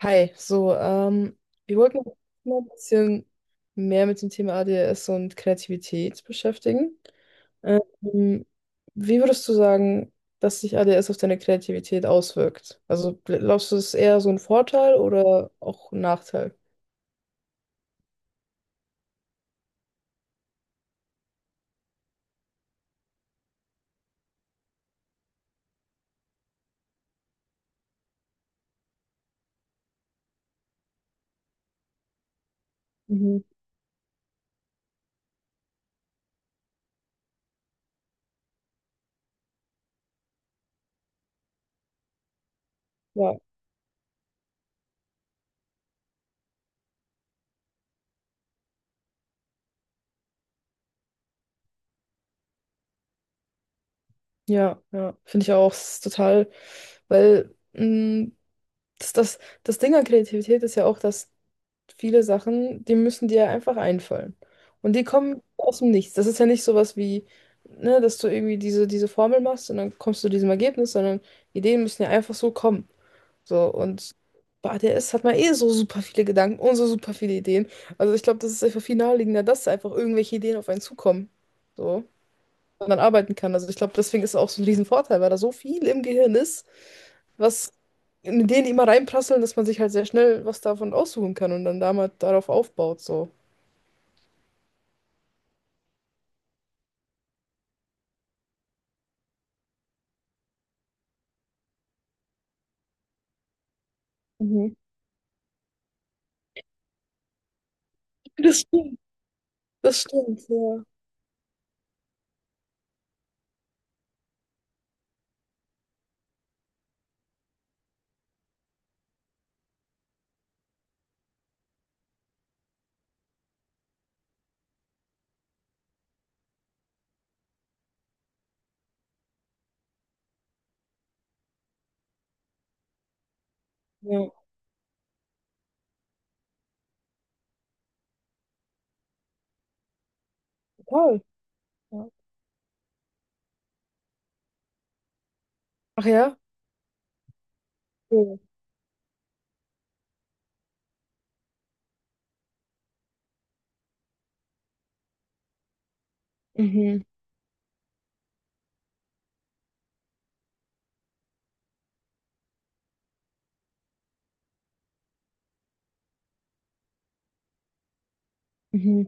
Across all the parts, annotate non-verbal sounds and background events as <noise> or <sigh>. Hi, so, wir wollten uns mal ein bisschen mehr mit dem Thema ADHS und Kreativität beschäftigen. Ähm, wie würdest du sagen, dass sich ADHS auf deine Kreativität auswirkt? Also glaubst du, es ist eher so ein Vorteil oder auch ein Nachteil? Mhm. Ja, ja, ja, finde ich auch, es ist total, weil das, das, das Ding an Kreativität ist ja auch, dass viele Sachen, die müssen dir einfach einfallen. Und die kommen aus dem Nichts. Das ist ja nicht sowas wie, ne, dass du irgendwie diese Formel machst und dann kommst du zu diesem Ergebnis, sondern Ideen müssen ja einfach so kommen. So, und bei ADS hat man eh so super viele Gedanken und so super viele Ideen. Also ich glaube, das ist einfach viel naheliegender, dass einfach irgendwelche Ideen auf einen zukommen. So, und dann arbeiten kann. Also ich glaube, deswegen ist es auch so ein Riesenvorteil, weil da so viel im Gehirn ist, was in Ideen immer reinprasseln, dass man sich halt sehr schnell was davon aussuchen kann und dann damit darauf aufbaut, so. Mhm. Das stimmt, das stimmt, ja. Ja. Total. Ja. Ach ja? Cool. Mhm. Mhm.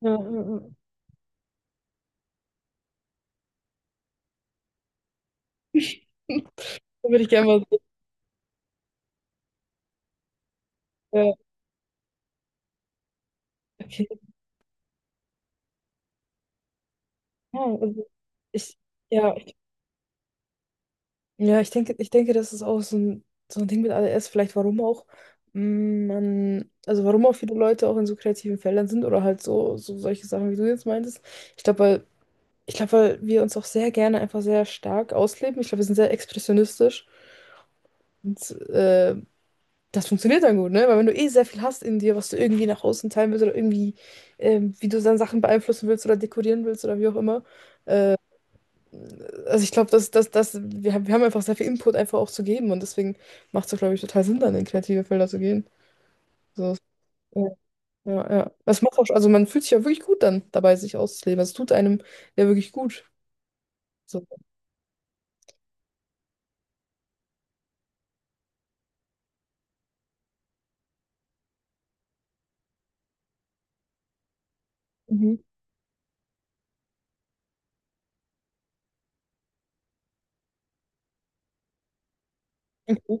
Ja, ja, ja. <laughs> Da würde ich gerne mal so, ja, okay. Ja, also ich, ja, ich, ich denke, das ist auch so ein Ding mit ADS, vielleicht warum auch man, also warum auch viele Leute auch in so kreativen Feldern sind oder halt so, so solche Sachen, wie du jetzt meintest. Ich glaube, Ich glaube, weil wir uns auch sehr gerne einfach sehr stark ausleben. Ich glaube, wir sind sehr expressionistisch. Und das funktioniert dann gut, ne? Weil wenn du eh sehr viel hast in dir, was du irgendwie nach außen teilen willst oder irgendwie, wie du dann Sachen beeinflussen willst oder dekorieren willst oder wie auch immer. Also ich glaube, dass wir haben einfach sehr viel Input einfach auch zu geben und deswegen macht es, glaube ich, total Sinn, dann in kreative Felder zu gehen. So, ja, ja, ja. Das macht auch, also man fühlt sich ja wirklich gut dann dabei, sich auszuleben. Also es tut einem ja wirklich gut. So. Mhm. Okay.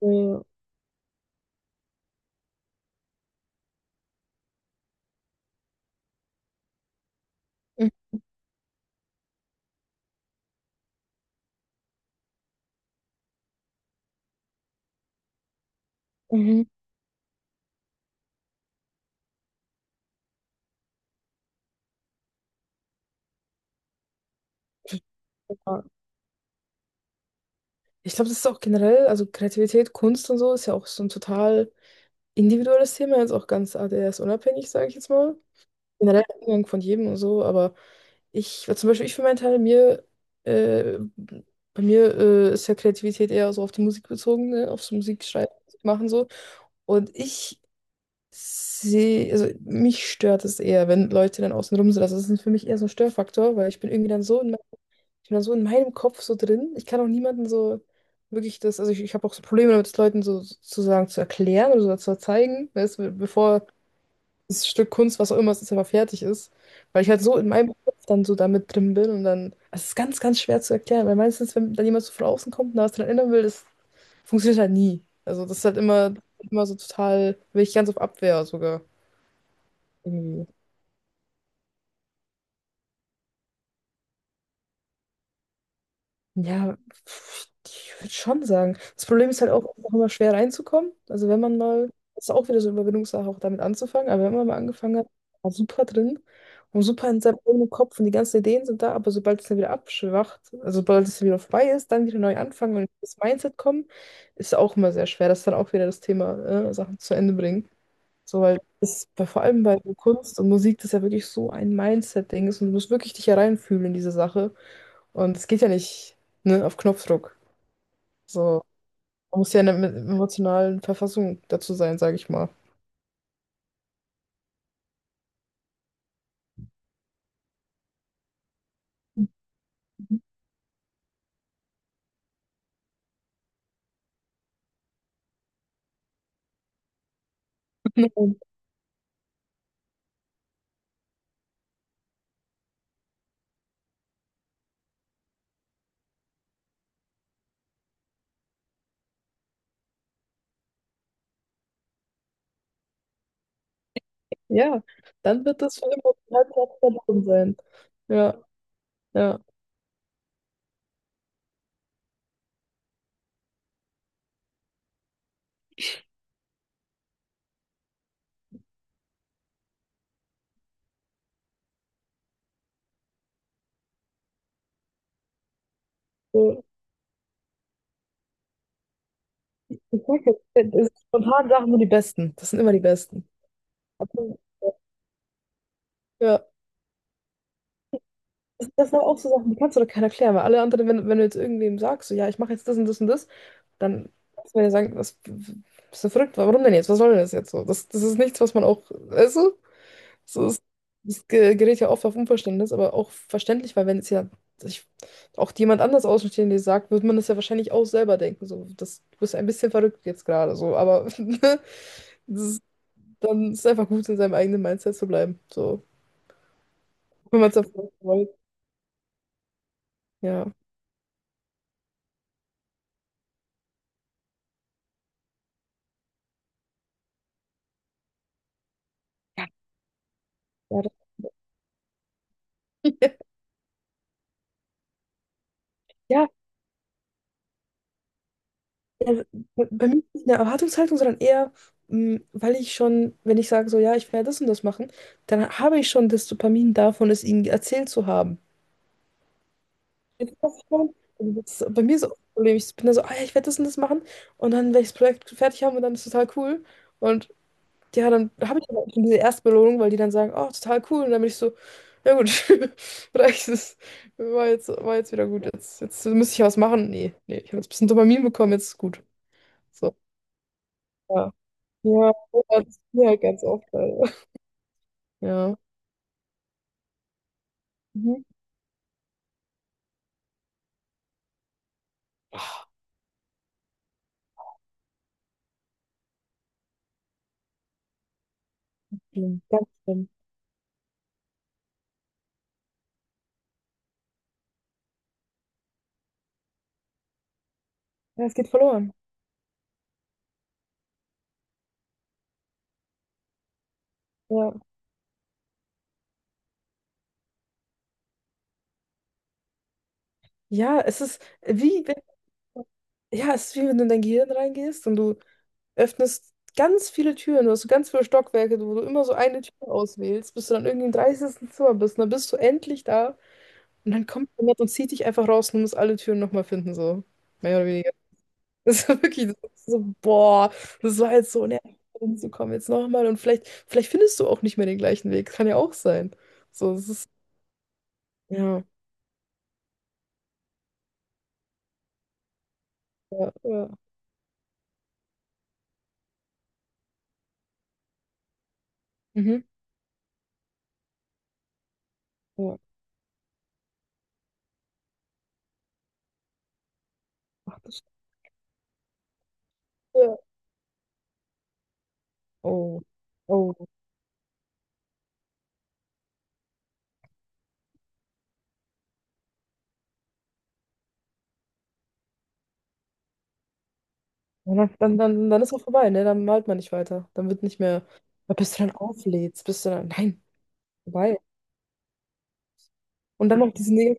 Ja. Mhm. Ja. Ich glaube, das ist auch generell, also Kreativität, Kunst und so ist ja auch so ein total individuelles Thema, jetzt auch ganz ADHS-unabhängig, sage ich jetzt mal. Generell der Umgang von jedem und so, aber ich, zum Beispiel ich für meinen Teil, äh, bei mir ist ja Kreativität eher so auf die Musik bezogen, ne? Aufs Musikschreiben machen so. Und ich sehe, also mich stört es eher, wenn Leute dann außen rum sind. Also das ist für mich eher so ein Störfaktor, weil ich bin irgendwie dann so in ich bin da so in meinem Kopf so drin. Ich kann auch niemanden so wirklich das, also ich habe auch so Probleme damit, es Leuten so sozusagen zu erklären oder so zu zeigen, weißt, du, bevor das Stück Kunst, was auch immer es ist, einfach fertig ist. Weil ich halt so in meinem Kopf dann so damit drin bin und dann, also es ist ganz, ganz schwer zu erklären, weil meistens, wenn dann jemand so von außen kommt und da was dran ändern will, das funktioniert halt nie. Also das ist halt immer, immer so total, bin ich ganz auf Abwehr sogar irgendwie. Ja, pf, ich würde schon sagen. Das Problem ist halt auch einfach immer schwer reinzukommen. Also wenn man mal, das ist auch wieder so eine Überwindungssache, auch damit anzufangen, aber wenn man mal angefangen hat, war super drin und super in seinem eigenen Kopf und die ganzen Ideen sind da, aber sobald es dann wieder abschwacht, also sobald es wieder vorbei ist, dann wieder neu anfangen und ins Mindset kommen, ist auch immer sehr schwer. Das ist dann auch wieder das Thema, Sachen zu Ende bringen. So, weil es vor allem bei Kunst und Musik, das ja wirklich so ein Mindset-Ding ist und du musst wirklich dich hereinfühlen in diese Sache. Und es geht ja nicht, ne, auf Knopfdruck. So, man muss ja in der emotionalen Verfassung dazu sein, sage ich mal. <laughs> Und ja, dann wird das für emotional verloren sein. Ja, ja. So, ich sag ja, spontan Sachen sind die besten. Das sind immer die besten. Ja, das sind aber auch so Sachen, die kannst du doch keiner erklären, weil alle anderen, wenn du jetzt irgendwem sagst, so, ja, ich mache jetzt das und das und das, dann kannst du mir ja sagen, was, bist du verrückt, warum denn jetzt? Was soll denn das jetzt so? Das ist nichts, was man auch, weißt du? So, es gerät ja oft auf Unverständnis, aber auch verständlich, weil wenn es ja sich auch jemand anders Außenstehende sagt, wird man das ja wahrscheinlich auch selber denken. So, das, du bist ein bisschen verrückt jetzt gerade, so, aber <laughs> ne, das, ist- dann ist es einfach gut, in seinem eigenen Mindset zu bleiben. So, wenn man es erfolgt, wollte. Ja. Ja, ja, also bei mir ist es nicht eine Erwartungshaltung, sondern eher, weil ich schon, wenn ich sage so, ja, ich werde das und das machen, dann habe ich schon das Dopamin davon, es ihnen erzählt zu haben. Draufhauen. Also das, ist bei mir so auch Problem. Ich bin da so, ah ja, ich werde das und das machen. Und dann werde ich das Projekt fertig haben und dann ist es total cool. Und ja, dann habe ich aber schon diese Erstbelohnung, weil die dann sagen, oh, total cool. Und dann bin ich so, ja gut, <laughs> reicht es. War jetzt wieder gut. Jetzt, jetzt müsste ich was machen. Nee, nee, ich habe jetzt ein bisschen Dopamin bekommen, jetzt ist gut. So. Ja. Ja, das ist mir halt ganz oft. Leider. Ja. Mhm. Schlimm, ganz schlimm. Ja, es geht verloren. Ja. Ja, es ist wie. Ja, es ist wie wenn du in dein Gehirn reingehst und du öffnest ganz viele Türen. Du hast so ganz viele Stockwerke, wo du immer so eine Tür auswählst, bis du dann irgendwie im 30. Zimmer bist. Und dann bist du endlich da und dann kommt jemand und zieht dich einfach raus und du musst alle Türen nochmal finden, so. Mehr oder weniger. <laughs> Das ist wirklich so, das ist so, boah, das war jetzt so nervig, hinzukommen. Jetzt nochmal und vielleicht, vielleicht findest du auch nicht mehr den gleichen Weg. Kann ja auch sein. So, es ist, ja, ja, ja. Mhm. Ja. Ach, das stimmt. Ja. Oh. Oh. Ja, Dann ist auch vorbei, ne? Dann malt man nicht weiter. Dann wird nicht mehr, ja, bis du dann auflädst, bist du dann, nein, vorbei. Und dann noch dieses negative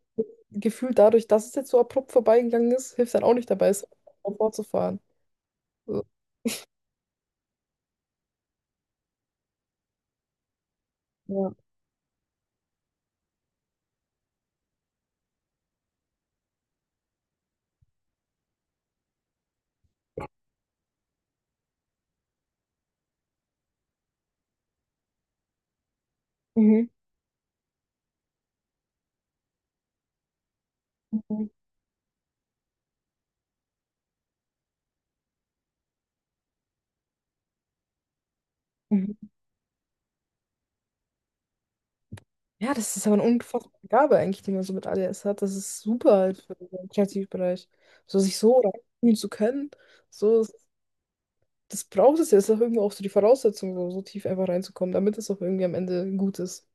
Gefühl dadurch, dass es jetzt so abrupt vorbeigegangen ist, hilft dann auch nicht dabei, es fortzufahren. So, ja. Mhm. Mhm. Mhm. Ja, das ist aber eine unfassbare Gabe eigentlich, die man so mit ADS hat. Das ist super halt für den Kreativbereich. So sich so reinziehen zu können, so, das braucht es ja. Das ist auch irgendwie auch so die Voraussetzung, so, so tief einfach reinzukommen, damit es auch irgendwie am Ende gut ist.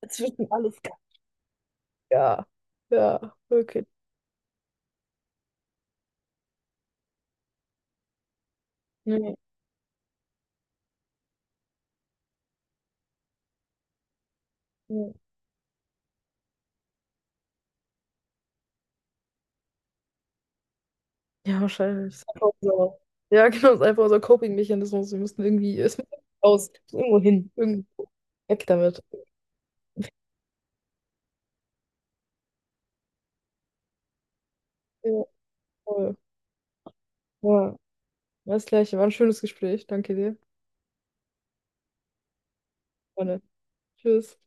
Dazwischen alles geil. Ja, ja, wirklich. Nee, nee. Ja, wahrscheinlich. Ist einfach so. Ja, <laughs> genau, ist einfach unser Coping-Mechanismus. Wir müssen irgendwie, es muss raus, es muss irgendwo hin, irgendwo weg damit. Ja, voll. Ja, das Gleiche. War ein schönes Gespräch. Danke dir. Freunde. Tschüss.